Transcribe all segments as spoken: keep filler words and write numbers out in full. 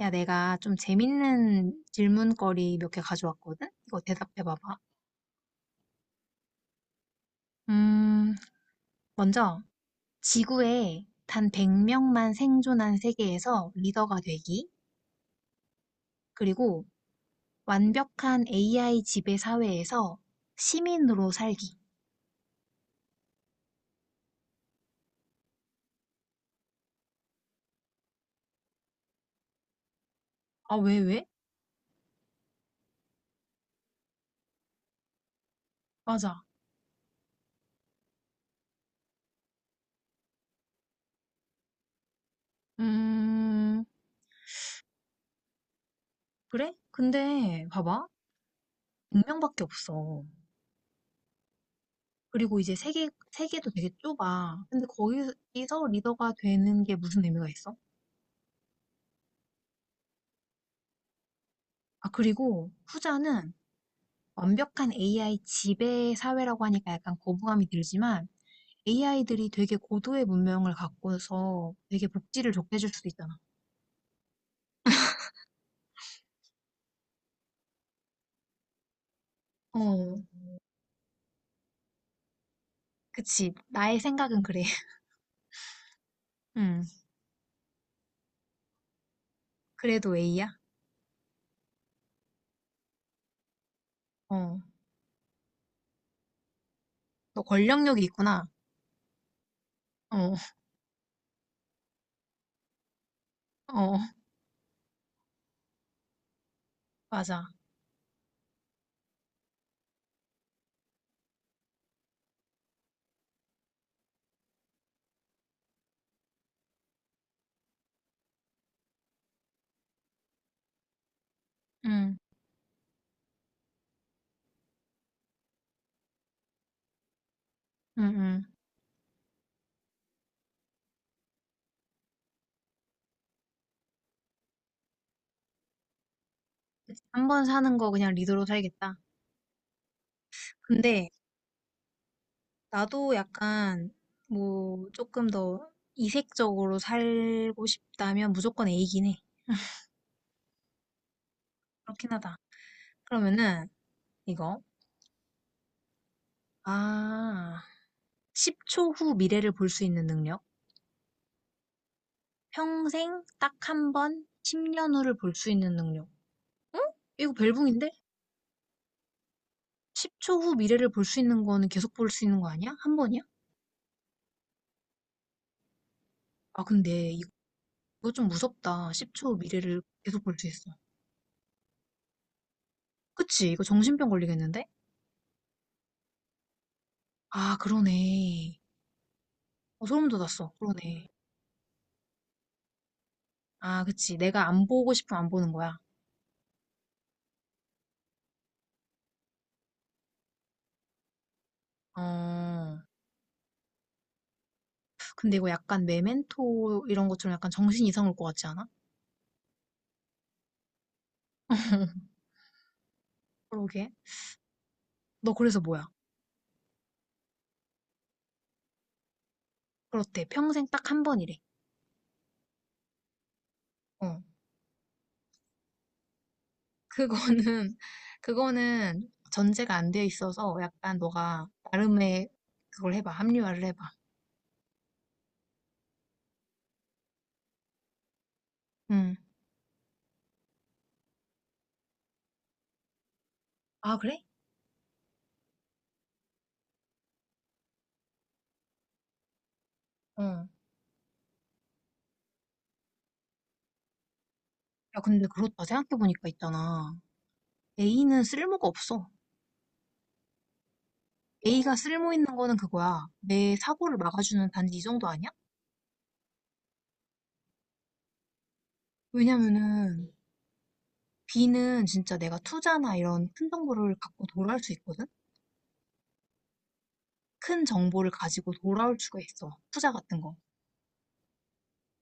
야, 내가 좀 재밌는 질문거리 몇 개 가져왔거든? 이거 대답해봐봐. 음, 먼저, 지구에 단 백 명만 생존한 세계에서 리더가 되기, 그리고 완벽한 에이아이 지배 사회에서 시민으로 살기. 아, 왜, 왜? 맞아. 음, 그래? 근데, 봐봐. 백 명밖에 없어. 그리고 이제 세계, 세계도 되게 좁아. 근데 거기서 리더가 되는 게 무슨 의미가 있어? 아, 그리고 후자는 완벽한 에이아이 지배 사회라고 하니까 약간 거부감이 들지만 에이아이들이 되게 고도의 문명을 갖고서 되게 복지를 좋게 해줄 수도 있잖아. 어, 그치. 나의 생각은 그래. 음, 그래도 A야? 어. 너 권력력이 있구나. 어, 어, 맞아. 음, 음, 음. 한 번 사는 거 그냥 리더로 살겠다. 근데 나도 약간 뭐 조금 더 이색적으로 살고 싶다면 무조건 A긴 해. 그렇긴 하다. 그러면은 이거. 아, 십 초 후 미래를 볼 수 있는 능력. 평생 딱 한 번, 십 년 후를 볼 수 있는 능력. 응? 이거 벨붕인데? 십 초 후 미래를 볼 수 있는 거는 계속 볼 수 있는 거 아니야? 한 번이야? 아, 근데 이거 좀 무섭다. 십 초 후 미래를 계속 볼 수 있어. 그치? 이거 정신병 걸리겠는데? 아, 그러네. 어, 소름 돋았어. 그러네. 아, 그치. 내가 안 보고 싶으면 안 보는 거야. 어, 근데 이거 약간 메멘토 이런 것처럼 약간 정신 이상 올 것 같지 않아? 그러게. 너 그래서 뭐야? 그렇대. 평생 딱 한 번이래. 어, 그거는, 그거는 전제가 안 돼 있어서 약간 너가 나름의 그걸 해봐. 합리화를 해봐. 응, 아, 그래? 어. 야, 근데 그렇다. 생각해보니까 있잖아. A는 쓸모가 없어. A가 쓸모 있는 거는 그거야. 내 사고를 막아주는 단지 이 정도 아니야? 왜냐면은 B는 진짜 내가 투자나 이런 큰 정보를 갖고 돌아올 수 있거든? 큰 정보를 가지고 돌아올 수가 있어. 투자 같은 거.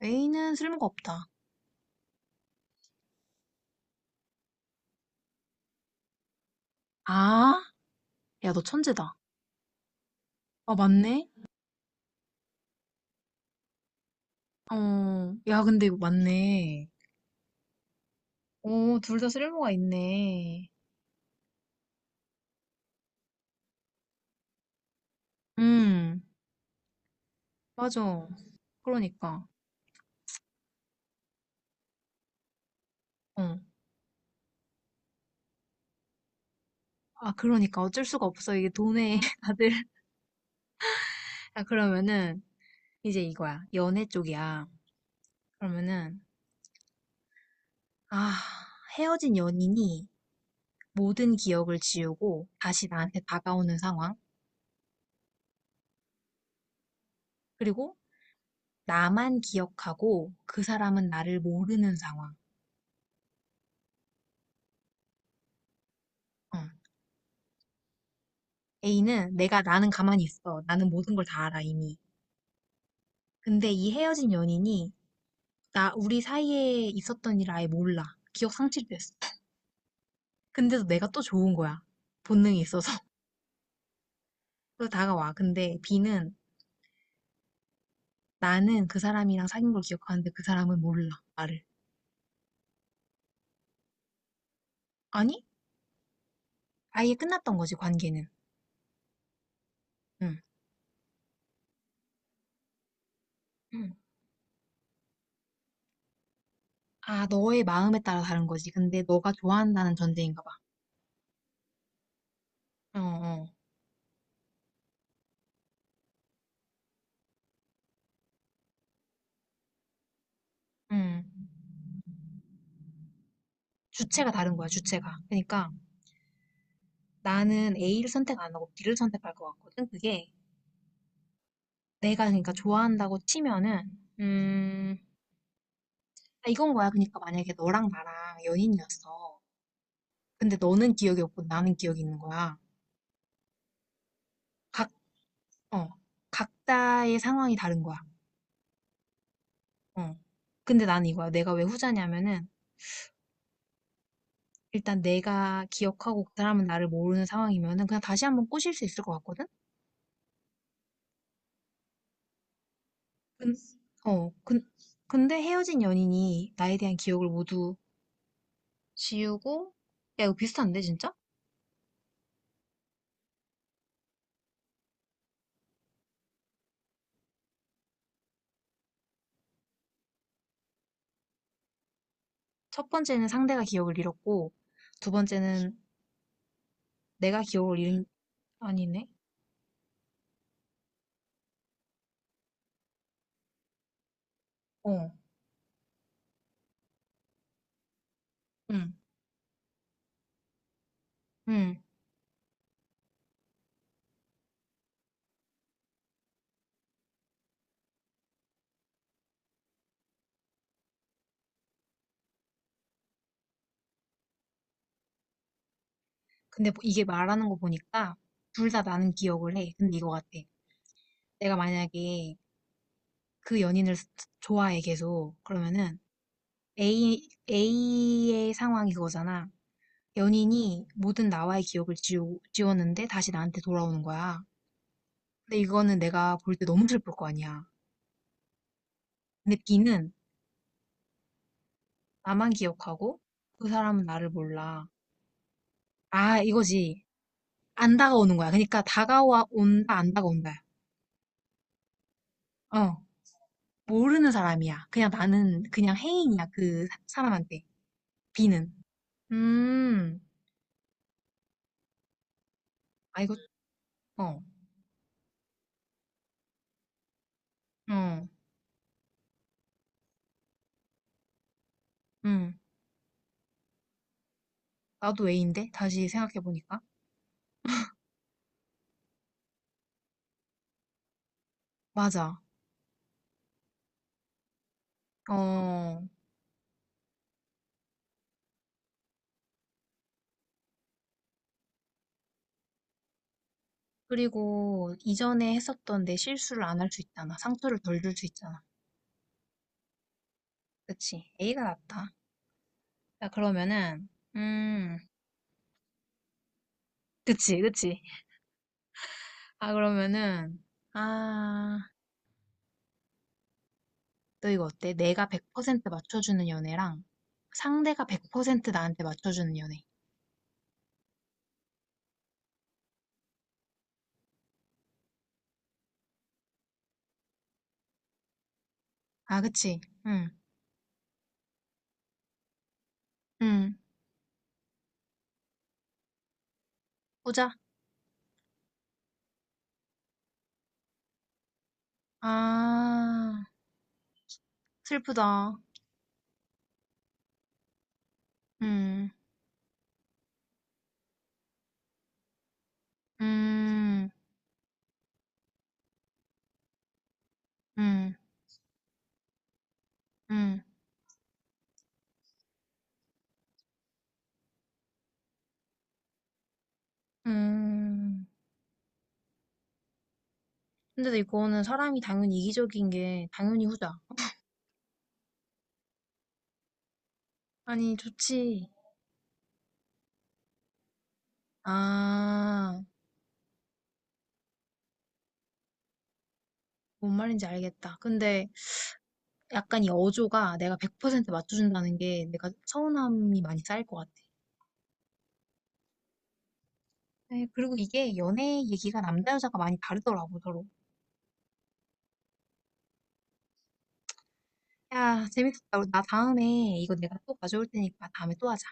A는 쓸모가 없다. 아, 야, 너 천재다. 아, 맞네? 어, 야, 근데 이거 맞네. 오, 둘 다 쓸모가 있네. 음, 맞아. 그러니까. 어. 아, 그러니까. 어쩔 수가 없어. 이게 돈에 다들. 아, 그러면은, 이제 이거야. 연애 쪽이야. 그러면은, 아, 헤어진 연인이 모든 기억을 지우고 다시 나한테 다가오는 상황. 그리고 나만 기억하고 그 사람은 나를 모르는 상황. 어. A는 내가 나는 가만히 있어. 나는 모든 걸 다 알아, 이미. 근데 이 헤어진 연인이 나, 우리 사이에 있었던 일 아예 몰라. 기억 상실됐어. 근데도 내가 또 좋은 거야. 본능이 있어서. 그래서 다가와. 근데 B는 나는 그 사람이랑 사귄 걸 기억하는데 그 사람은 몰라, 나를. 아니? 아예 끝났던 거지, 관계는. 응. 응. 아, 너의 마음에 따라 다른 거지. 근데 너가 좋아한다는 전제인가 봐. 어, 어. 응. 주체가 다른 거야, 주체가. 그러니까 나는 A를 선택 안 하고 B를 선택할 것 같거든. 그게 내가 그러니까 좋아한다고 치면은 음 아, 이건 거야. 그러니까 만약에 너랑 나랑 연인이었어. 근데 너는 기억이 없고 나는 기억이 있는 거야. 각, 어, 각자의 상황이 다른 거야. 어. 근데 난 이거야. 내가 왜 후자냐면은 일단 내가 기억하고 그 사람은 나를 모르는 상황이면은 그냥 다시 한번 꼬실 수 있을 것 같거든. 근, 어, 근, 근데 헤어진 연인이 나에 대한 기억을 모두 지우고 야 이거 비슷한데 진짜? 첫 번째는 상대가 기억을 잃었고, 두 번째는 내가 기억을 잃은, 아니네. 어, 응, 응. 근데 뭐 이게 말하는 거 보니까 둘 다 나는 기억을 해. 근데 이거 같아. 내가 만약에 그 연인을 스- 좋아해 계속 그러면은 A, A의 상황이 그거잖아. 연인이 모든 나와의 기억을 지우, 지웠는데 다시 나한테 돌아오는 거야. 근데 이거는 내가 볼 때 너무 슬플 거 아니야. 근데 B는 나만 기억하고 그 사람은 나를 몰라. 아, 이거지. 안 다가오는 거야. 그러니까 다가와 온다, 안 다가온다. 어, 모르는 사람이야. 그냥 나는 그냥 해인이야. 그 사- 사람한테. B는. 음, 아, 이거, 어, 어, 음. 나도 A인데? 다시 생각해보니까. 맞아. 어, 그리고 이전에 했었던 내 실수를 안 할 수 있잖아. 상처를 덜 줄 수 있잖아. 그치. A가 낫다. 자, 그러면은, 음, 그치, 그치. 아, 그러면은, 아, 너 이거 어때? 내가 백 퍼센트 맞춰주는 연애랑 상대가 백 퍼센트 나한테 맞춰주는 연애. 아, 그치? 응, 응. 보자. 아, 슬프다. 응, 응, 응, 응, 응. 근데 이거는 사람이 당연히 이기적인 게 당연히 후자. 아니, 좋지. 아, 뭔 말인지 알겠다. 근데 약간 이 어조가 내가 백 퍼센트 맞춰준다는 게 내가 서운함이 많이 쌓일 것 같아. 네, 그리고 이게 연애 얘기가 남자 여자가 많이 다르더라고 서로. 야, 재밌었다. 우리 나 다음에 이거 내가 또 가져올 테니까 다음에 또 하자.